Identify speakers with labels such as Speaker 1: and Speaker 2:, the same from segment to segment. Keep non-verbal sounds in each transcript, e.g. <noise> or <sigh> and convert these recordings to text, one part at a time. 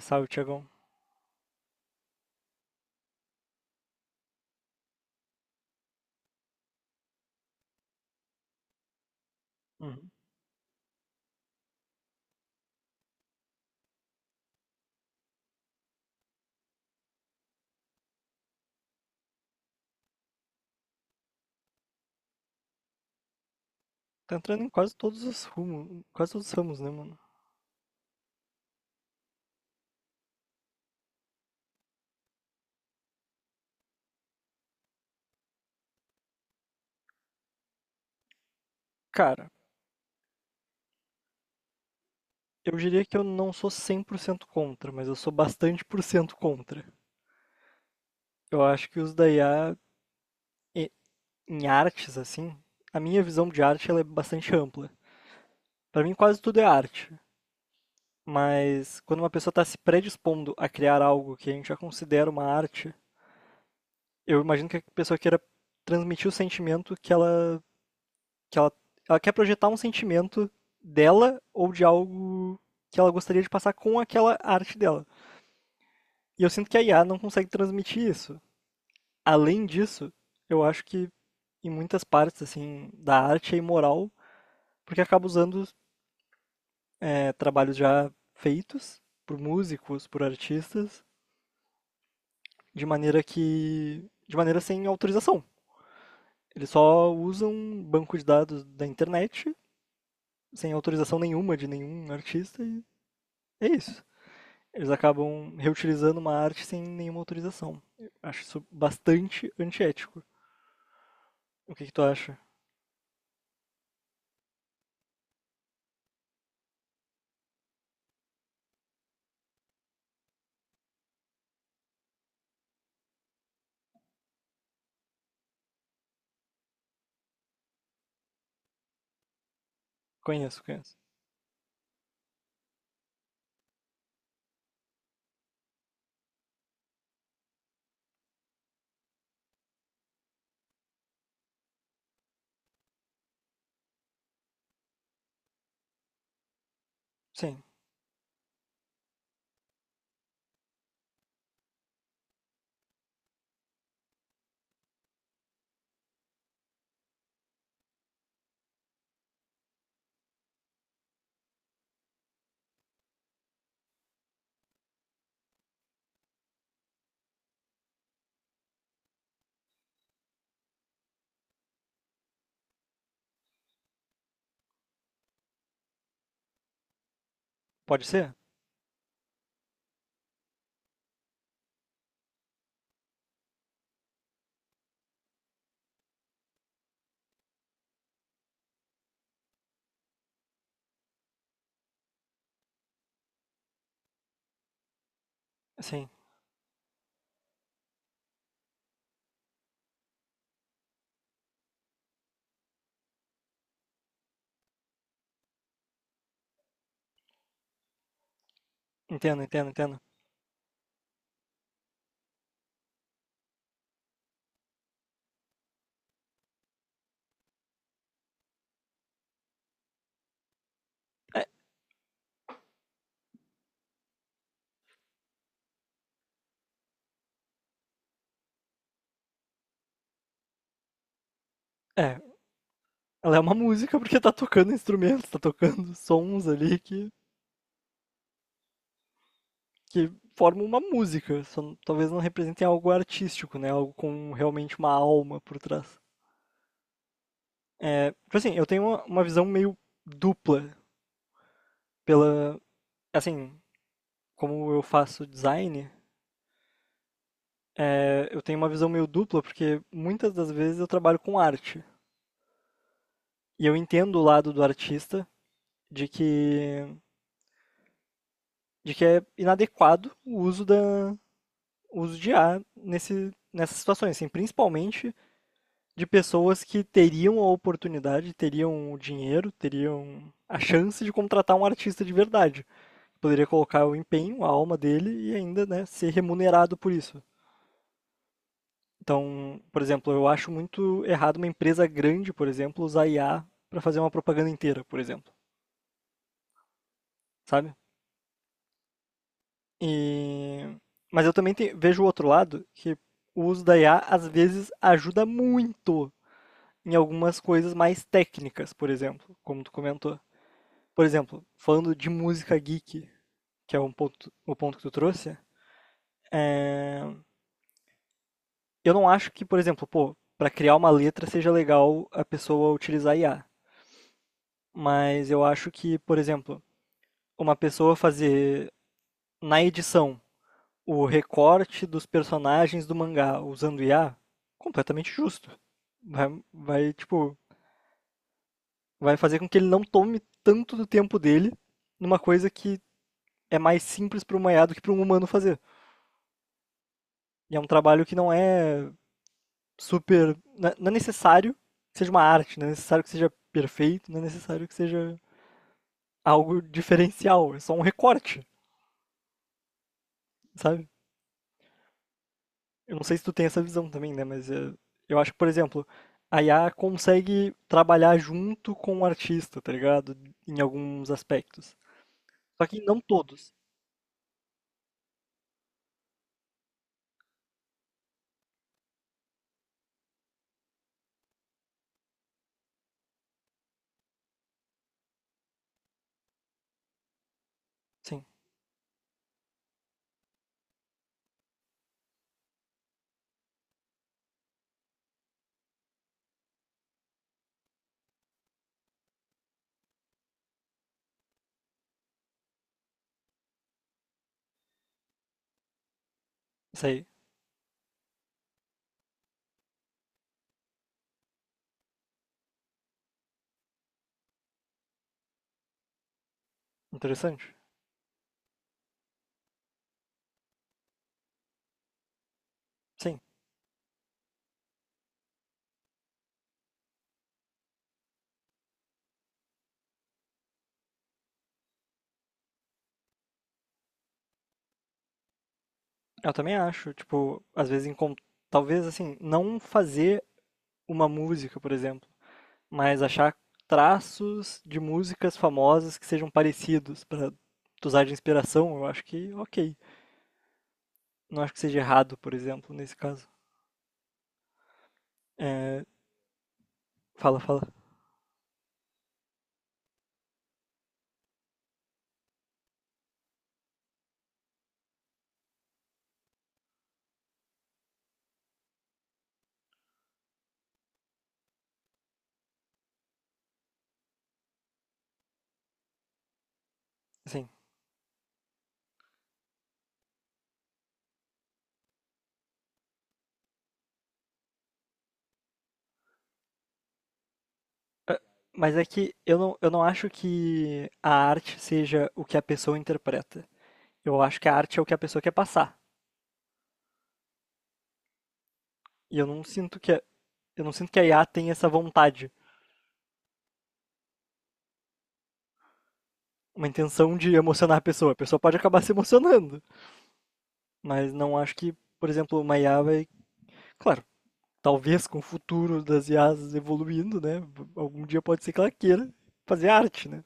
Speaker 1: Salve, Tiagão. Uhum. Tá entrando em quase todos os rumos, quase todos os ramos, né, mano? Cara, eu diria que eu não sou 100% contra, mas eu sou bastante por cento contra. Eu acho que os da IA e- em artes, assim, a minha visão de arte ela é bastante ampla. Pra mim, quase tudo é arte. Mas quando uma pessoa tá se predispondo a criar algo que a gente já considera uma arte, eu imagino que a pessoa queira transmitir o sentimento que ela, ela quer projetar um sentimento dela ou de algo que ela gostaria de passar com aquela arte dela. E eu sinto que a IA não consegue transmitir isso. Além disso, eu acho que em muitas partes assim da arte é imoral, porque acaba usando trabalhos já feitos por músicos, por artistas, de maneira sem autorização. Eles só usam um banco de dados da internet sem autorização nenhuma de nenhum artista e é isso. Eles acabam reutilizando uma arte sem nenhuma autorização. Eu acho isso bastante antiético. O que que tu acha? Conheço, conheço. Sim, pode ser? Sim, entendo, entendo, entendo. É, é, ela é uma música porque tá tocando instrumentos, tá tocando sons ali que formam uma música. Talvez não representem algo artístico, né? Algo com realmente uma alma por trás. Tipo assim, eu tenho uma visão meio dupla pela, assim, como eu faço design. É, eu tenho uma visão meio dupla, porque muitas das vezes eu trabalho com arte. E eu entendo o lado do artista de que, de que é inadequado o uso, o uso de A nessas situações, assim, principalmente de pessoas que teriam a oportunidade, teriam o dinheiro, teriam a chance de contratar um artista de verdade. Poderia colocar o empenho, a alma dele e ainda né, ser remunerado por isso. Então, por exemplo, eu acho muito errado uma empresa grande, por exemplo, usar IA para fazer uma propaganda inteira, por exemplo, sabe? E... Mas eu também vejo o outro lado, que o uso da IA às vezes ajuda muito em algumas coisas mais técnicas, por exemplo, como tu comentou. Por exemplo, falando de música geek, que é um ponto, o ponto que tu trouxe, eu não acho que, por exemplo, pô, para criar uma letra seja legal a pessoa utilizar IA. Mas eu acho que, por exemplo, uma pessoa fazer na edição o recorte dos personagens do mangá usando IA, completamente justo. Vai, vai, tipo, vai fazer com que ele não tome tanto do tempo dele numa coisa que é mais simples para um IA do que para um humano fazer. E é um trabalho que não é super. Não é necessário que seja uma arte, não é necessário que seja perfeito, não é necessário que seja algo diferencial, é só um recorte, sabe? Eu não sei se tu tem essa visão também, né? Eu acho que, por exemplo, a IA consegue trabalhar junto com o artista, tá ligado? Em alguns aspectos. Só que não todos. Sim, isso aí. Interessante. Sim, eu também acho. Tipo, às vezes, talvez assim, não fazer uma música, por exemplo, mas achar traços de músicas famosas que sejam parecidos para usar de inspiração, eu acho que ok. Não acho que seja errado, por exemplo, nesse caso. É, fala, fala. Sim. Mas é que eu não acho que a arte seja o que a pessoa interpreta. Eu acho que a arte é o que a pessoa quer passar. E eu não sinto que a IA tem essa vontade, uma intenção de emocionar a pessoa. A pessoa pode acabar <laughs> se emocionando, mas não acho que, por exemplo, uma IA vai, claro, talvez com o futuro das IAs evoluindo, né? Algum dia pode ser que ela queira fazer arte, né?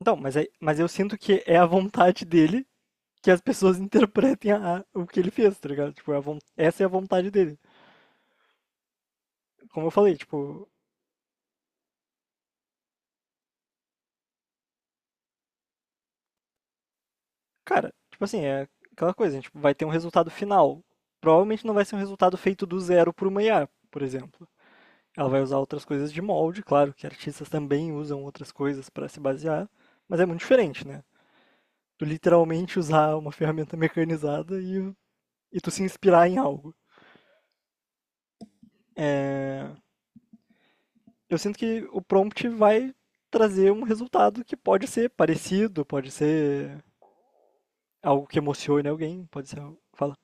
Speaker 1: Então, mas eu sinto que é a vontade dele que as pessoas <laughs> interpretem o que ele fez, tá ligado? Tipo, essa é a vontade dele. Como eu falei, tipo, cara, tipo assim, é aquela coisa, a gente vai ter um resultado final. Provavelmente não vai ser um resultado feito do zero por uma IA, por exemplo. Ela vai usar outras coisas de molde, claro que artistas também usam outras coisas para se basear, mas é muito diferente, né? Tu literalmente usar uma ferramenta mecanizada e tu se inspirar em algo. É, eu sinto que o prompt vai trazer um resultado que pode ser parecido, pode ser algo que emocione alguém, pode ser. Fala.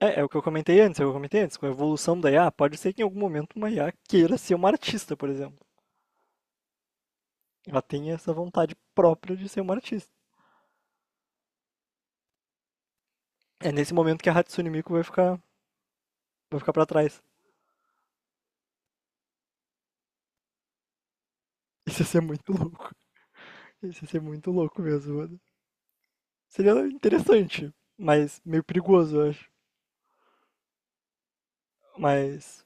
Speaker 1: É, é o que eu comentei antes, é o que eu comentei antes, com a evolução da IA, pode ser que em algum momento uma IA queira ser uma artista, por exemplo. Ela tenha essa vontade própria de ser uma artista. É nesse momento que a Hatsune Miku vai ficar, pra trás. <laughs> Isso ia ser muito louco. Isso ia ser muito louco mesmo, mano. Seria interessante, mas meio perigoso, eu acho. Mas,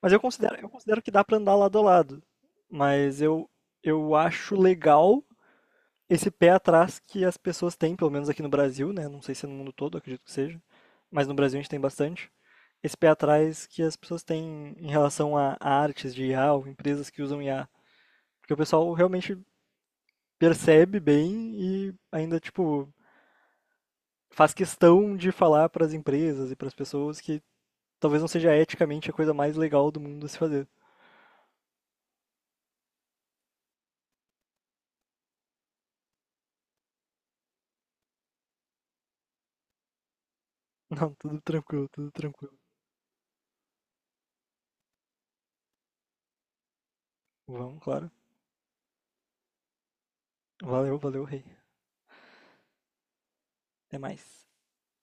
Speaker 1: mas eu considero que dá pra andar lado a lado. Mas eu acho legal esse pé atrás que as pessoas têm, pelo menos aqui no Brasil, né? Não sei se é no mundo todo, acredito que seja, mas no Brasil a gente tem bastante. Esse pé atrás que as pessoas têm em relação a artes de IA ou empresas que usam IA. Porque o pessoal realmente percebe bem e ainda, tipo, faz questão de falar para as empresas e para as pessoas que talvez não seja eticamente a coisa mais legal do mundo a se fazer. <laughs> Não, tudo tranquilo, tudo tranquilo. Vamos, claro. Valeu, valeu, rei. Até mais.